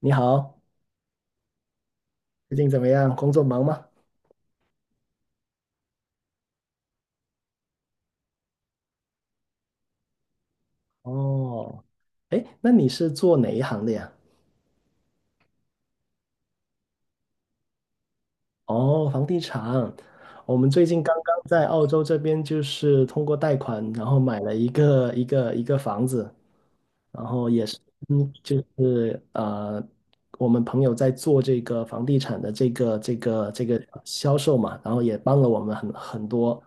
你好，最近怎么样？工作忙吗？哦，哎，那你是做哪一行的呀？哦，房地产。我们最近刚刚在澳洲这边，就是通过贷款，然后买了一个房子，然后也是，嗯，就是呃，我们朋友在做这个房地产的这个销售嘛，然后也帮了我们很多。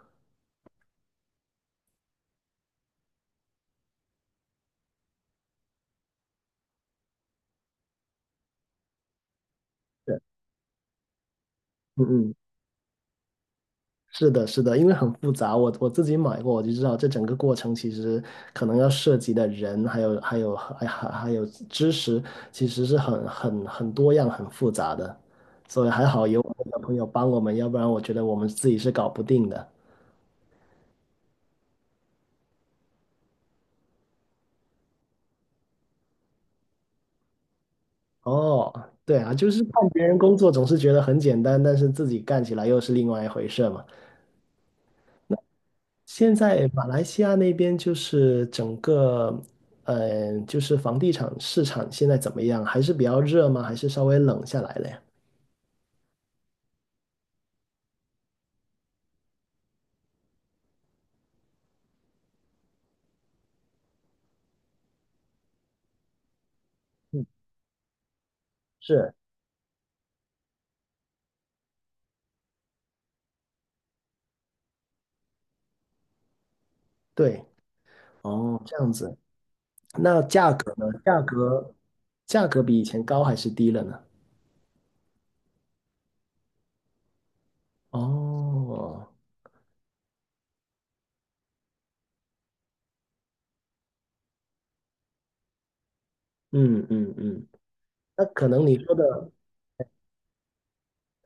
对，嗯嗯，是的，是的，因为很复杂，我自己买过，我就知道这整个过程其实可能要涉及的人，还有知识，其实是很多样、很复杂的，所以还好有我们的朋友帮我们，要不然我觉得我们自己是搞不定的。哦，对啊，就是看别人工作总是觉得很简单，但是自己干起来又是另外一回事嘛。现在马来西亚那边就是整个，就是房地产市场现在怎么样？还是比较热吗？还是稍微冷下来了呀？是，对，哦，这样子。那价格呢？价格，价格比以前高还是低了呢？哦，嗯嗯嗯，那可能你说的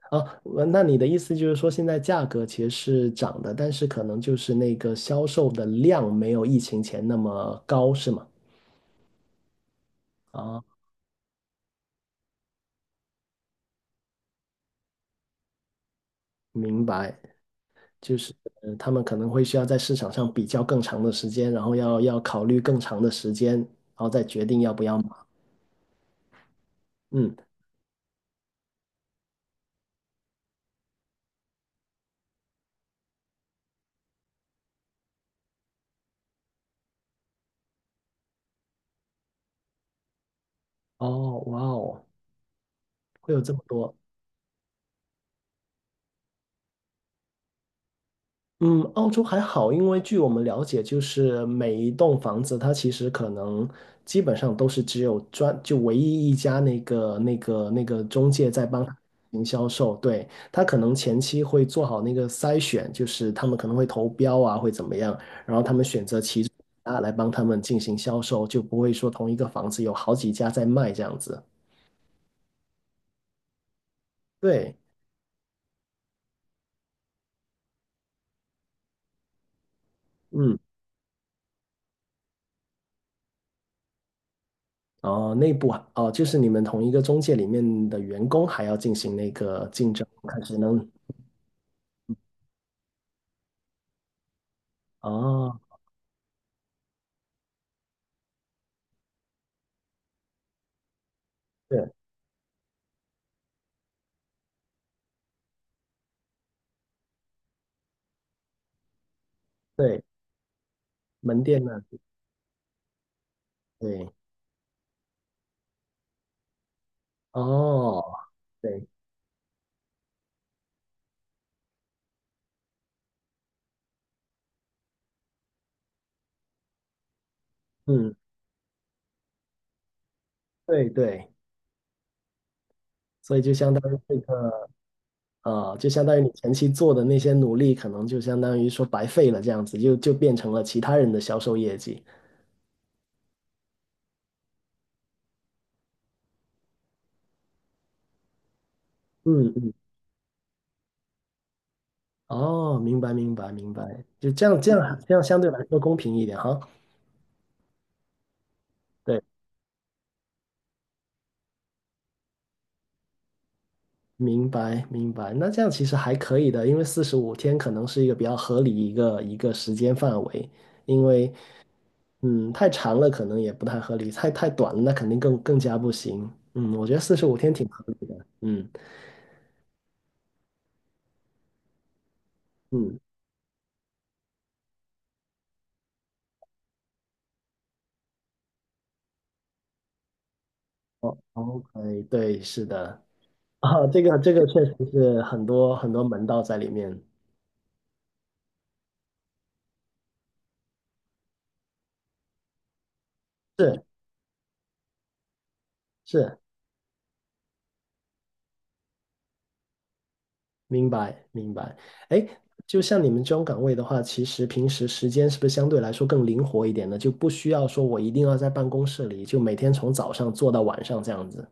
啊，那你的意思就是说，现在价格其实是涨的，但是可能就是那个销售的量没有疫情前那么高，是吗？啊，明白。就是他们可能会需要在市场上比较更长的时间，然后要考虑更长的时间，然后再决定要不要买。嗯，哦，哇哦，会有这么多。嗯，澳洲还好，因为据我们了解，就是每一栋房子，它其实可能基本上都是只有专，就唯一一家那个中介在帮他进行销售，对，他可能前期会做好那个筛选，就是他们可能会投标啊，会怎么样，然后他们选择其中一家来帮他们进行销售，就不会说同一个房子有好几家在卖这样子，对，嗯。哦，内部啊，哦，就是你们同一个中介里面的员工还要进行那个竞争，看谁能哦，对对，门店呢，对，哦，对，嗯，对对，所以就相当于这个，就相当于你前期做的那些努力，可能就相当于说白费了，这样子就变成了其他人的销售业绩。嗯嗯，哦，明白明白明白，就这样相对来说公平一点哈。对。明白，明白。那这样其实还可以的，因为四十五天可能是一个比较合理一个时间范围，因为太长了可能也不太合理，太短了那肯定更加不行。嗯，我觉得四十五天挺合理的。嗯嗯，哦，OK,对，是的，啊，这个这个确实是很多门道在里面。是是，明白，明白。哎，就像你们这种岗位的话，其实平时时间是不是相对来说更灵活一点呢？就不需要说我一定要在办公室里，就每天从早上做到晚上这样子。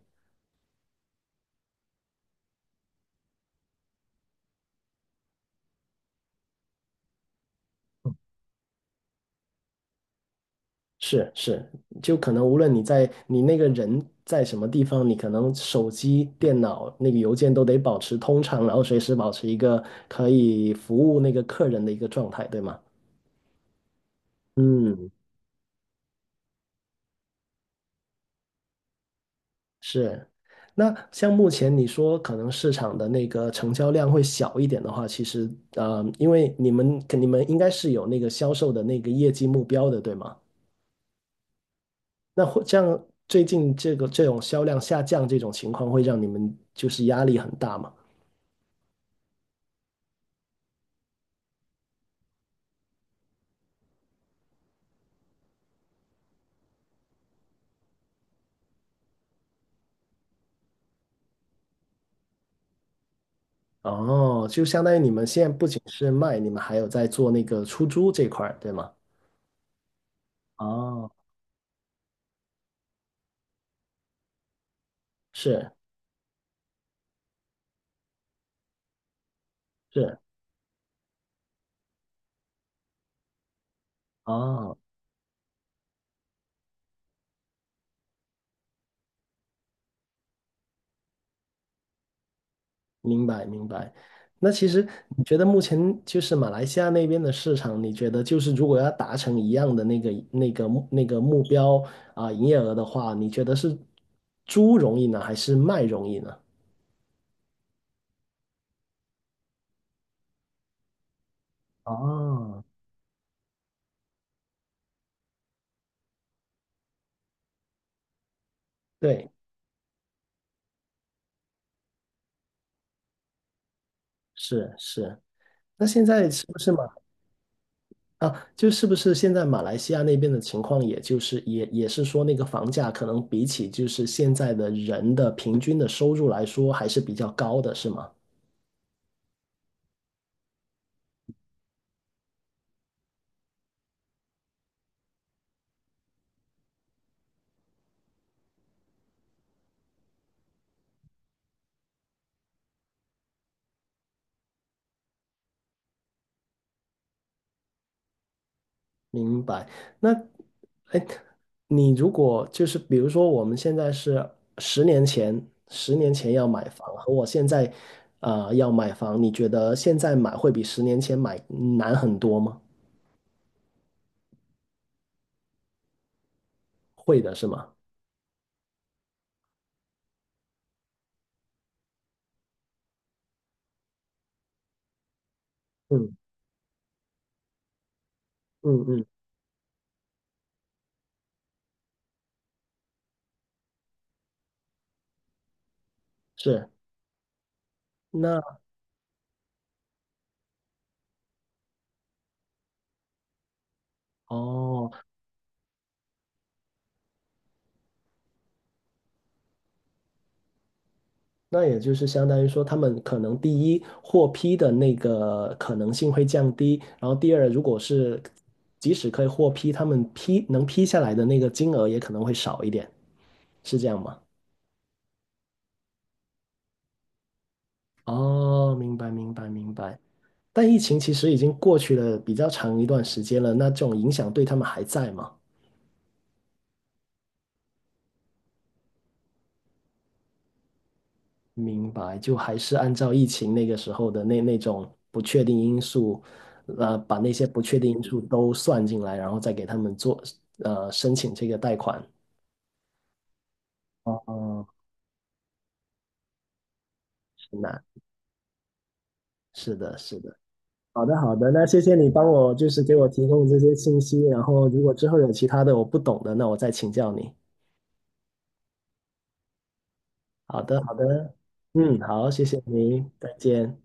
是是，就可能无论你在你那个人在什么地方，你可能手机、电脑那个邮件都得保持通畅，然后随时保持一个可以服务那个客人的一个状态，对吗？嗯，是，那像目前你说可能市场的那个成交量会小一点的话，其实因为你们应该是有那个销售的那个业绩目标的，对吗？那会这样，最近这个这种销量下降这种情况，会让你们就是压力很大嘛？哦，就相当于你们现在不仅是卖，你们还有在做那个出租这块儿，对吗？哦，是是，哦。明白明白。那其实你觉得目前就是马来西亚那边的市场，你觉得就是如果要达成一样的那个那个目那个目标啊，营业额的话，你觉得是租容易呢，还是卖容易呢？哦，对，是是。那现在是不是马啊？就是不是现在马来西亚那边的情况，也就是是说，那个房价可能比起就是现在的人的平均的收入来说，还是比较高的，是吗？明白。那，哎，你如果就是比如说，我们现在是十年前，十年前要买房，和我现在，啊，要买房，你觉得现在买会比十年前买难很多吗？会的是吗？嗯嗯嗯，是。那哦，那也就是相当于说，他们可能第一获批的那个可能性会降低，然后第二，如果是即使可以获批，他们能批下来的那个金额也可能会少一点，是这样吗？哦，明白明白明白。但疫情其实已经过去了比较长一段时间了，那这种影响对他们还在吗？明白，就还是按照疫情那个时候的那种不确定因素，把那些不确定因素都算进来，然后再给他们做，申请这个贷款。哦，哦，的，是的，是的。好的，好的，那谢谢你帮我，就是给我提供这些信息，然后如果之后有其他的我不懂的，那我再请教你。好的，好的，嗯，好，谢谢你，再见。